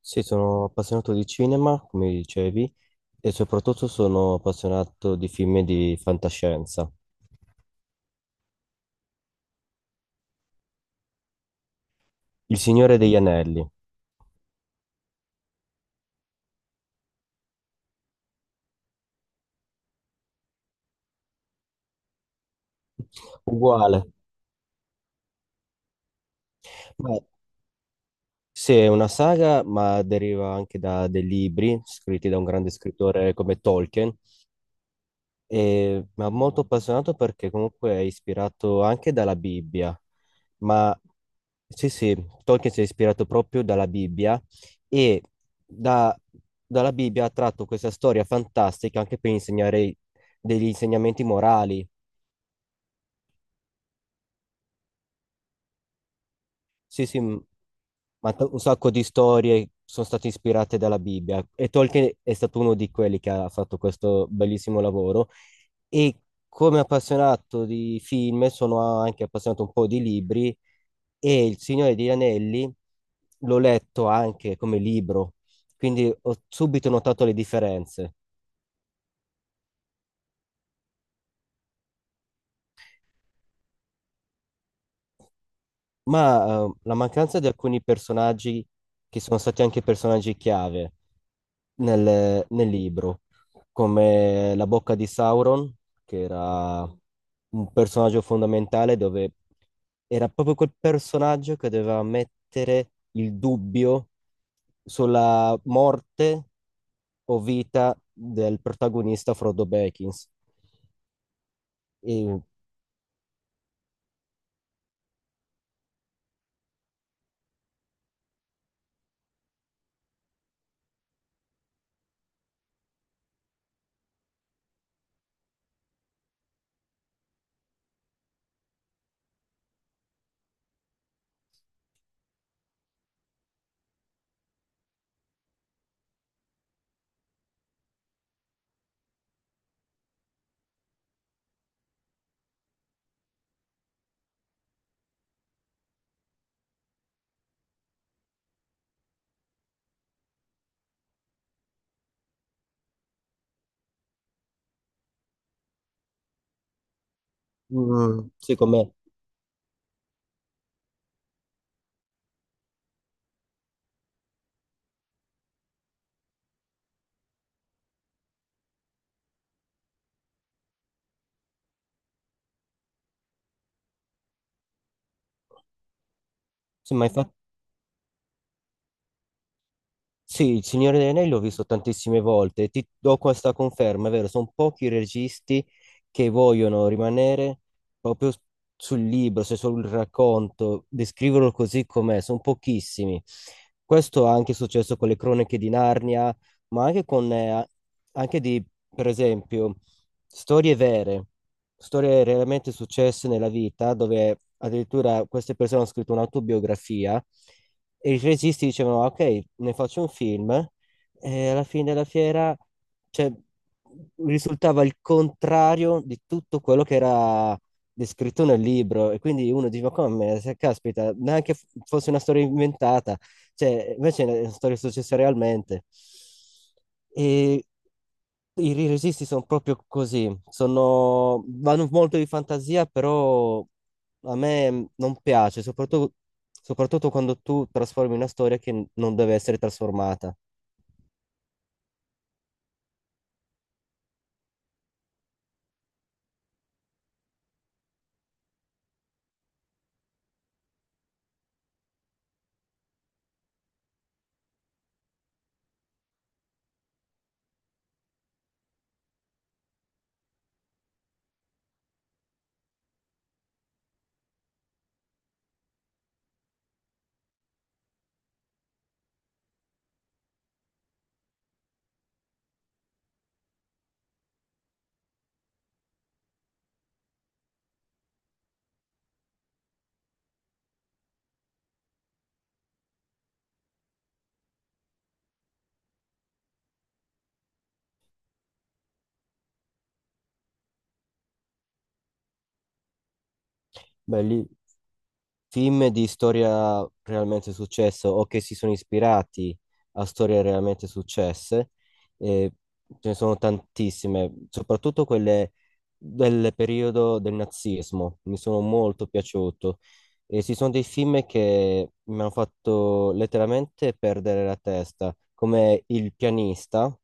Sì, sono appassionato di cinema, come dicevi, e soprattutto sono appassionato di film di fantascienza. Il Signore degli Anelli, uguale. Ma- sì, è una saga, ma deriva anche da dei libri scritti da un grande scrittore come Tolkien, ma molto appassionato perché comunque è ispirato anche dalla Bibbia. Ma sì, sì, Tolkien si è ispirato proprio dalla Bibbia e da- dalla Bibbia ha tratto questa storia fantastica anche per insegnare degli insegnamenti morali. Sì, sì, un sacco di storie sono state ispirate dalla Bibbia e Tolkien è stato uno di quelli che ha fatto questo bellissimo lavoro. E come appassionato di film sono anche appassionato un po' di libri e Il Signore degli Anelli l'ho letto anche come libro, quindi ho subito notato le differenze. Ma la mancanza di alcuni personaggi che sono stati anche personaggi chiave, nel libro, come la bocca di Sauron, che era un personaggio fondamentale dove era proprio quel personaggio che doveva mettere il dubbio sulla morte o vita del protagonista Frodo Baggins. E, sì, come, sì, Sì, il Signore degli Anelli l'ho visto tantissime volte, ti do questa conferma, è vero, sono pochi i registi che vogliono rimanere proprio s- sul libro, se sul racconto, descriverlo così com'è, sono pochissimi. Questo è anche successo con le cronache di Narnia, ma anche con, anche di, per esempio, storie vere, storie realmente successe nella vita, dove addirittura queste persone hanno scritto un'autobiografia e i registi dicevano: "Ah, ok, ne faccio un film e alla fine della fiera, cioè, risultava il contrario di tutto quello che era descritto nel libro", e quindi uno diceva, come, se caspita, neanche fosse una storia inventata. Cioè, invece sono storie successe realmente. E i registi sono proprio così, sono, vanno molto di fantasia, però a me non piace, soprattutto, soprattutto quando tu trasformi una storia che non deve essere trasformata. Beh, lì film di storia realmente successo o che si sono ispirati a storie realmente successe, eh, ce ne sono tantissime, soprattutto quelle del periodo del nazismo, mi sono molto piaciuto. E ci sono dei film che mi hanno fatto letteralmente perdere la testa, come Il pianista.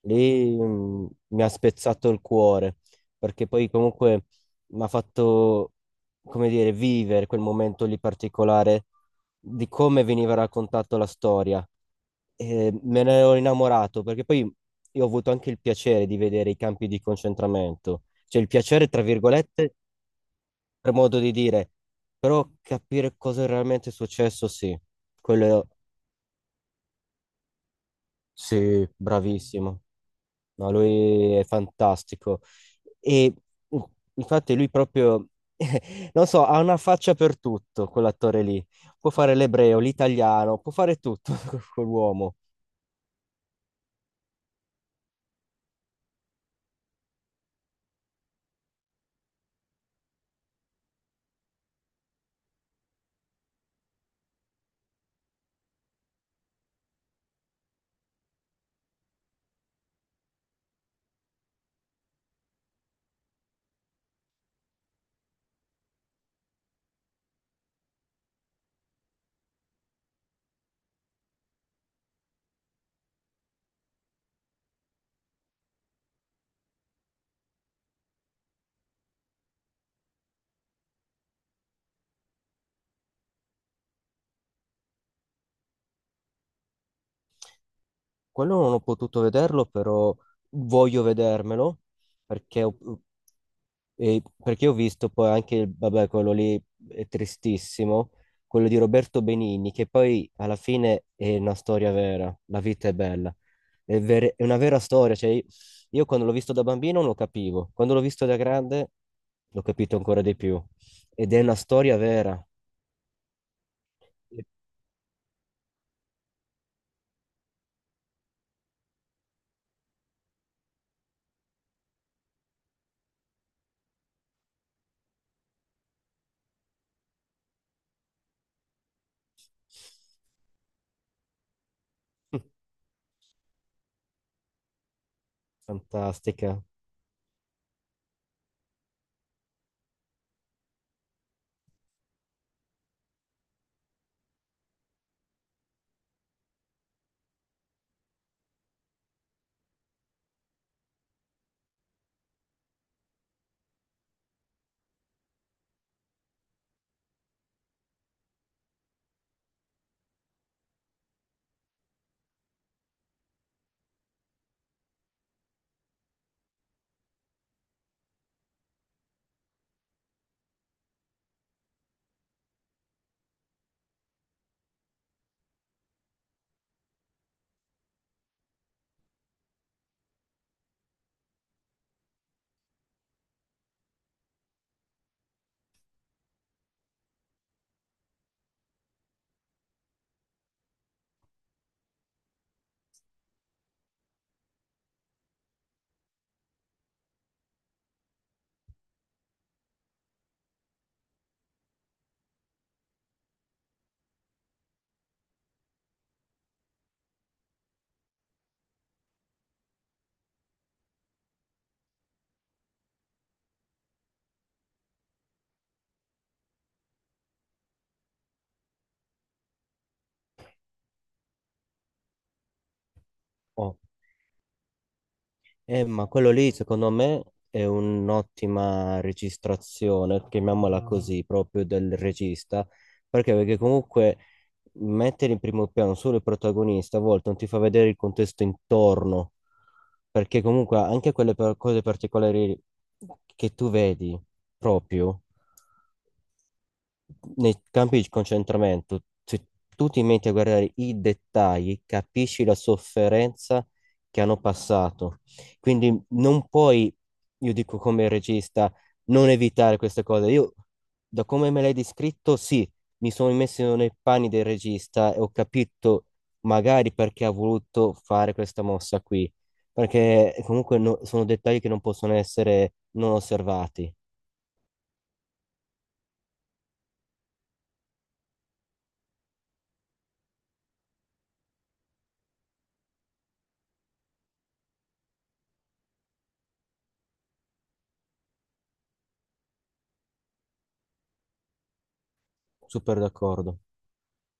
Lì mi ha spezzato il cuore, perché poi comunque mi ha fatto, come dire, vivere quel momento lì particolare di come veniva raccontata la storia. E me ne ero innamorato, perché poi io ho avuto anche il piacere di vedere i campi di concentramento, cioè il piacere, tra virgolette, per modo di dire, però capire cosa è realmente successo, sì, quello sì, bravissimo. No, lui è fantastico. E uh, infatti lui proprio, non so, ha una faccia per tutto, quell'attore lì. Può fare l'ebreo, l'italiano, può fare tutto quell'uomo. Quello non ho potuto vederlo, però voglio vedermelo, perché ho, perché ho visto poi anche, vabbè, quello lì è tristissimo, quello di Roberto Benigni, che poi alla fine è una storia vera, la vita è bella. È, è una vera storia, cioè io quando l'ho visto da bambino non lo capivo, quando l'ho visto da grande l'ho capito ancora di più ed è una storia vera, fantastica. Oh. Ma quello lì, secondo me, è un'ottima registrazione, chiamiamola così, proprio del regista, perché, perché comunque mettere in primo piano solo il protagonista a volte non ti fa vedere il contesto intorno, perché comunque anche quelle cose particolari che tu vedi proprio nei campi di concentramento, se tu ti metti a guardare i dettagli, capisci la sofferenza che hanno passato. Quindi non puoi, io dico come regista, non evitare queste cose. Io, da come me l'hai descritto, sì, mi sono messo nei panni del regista e ho capito magari perché ha voluto fare questa mossa qui. Perché comunque sono dettagli che non possono essere non osservati. Super d'accordo.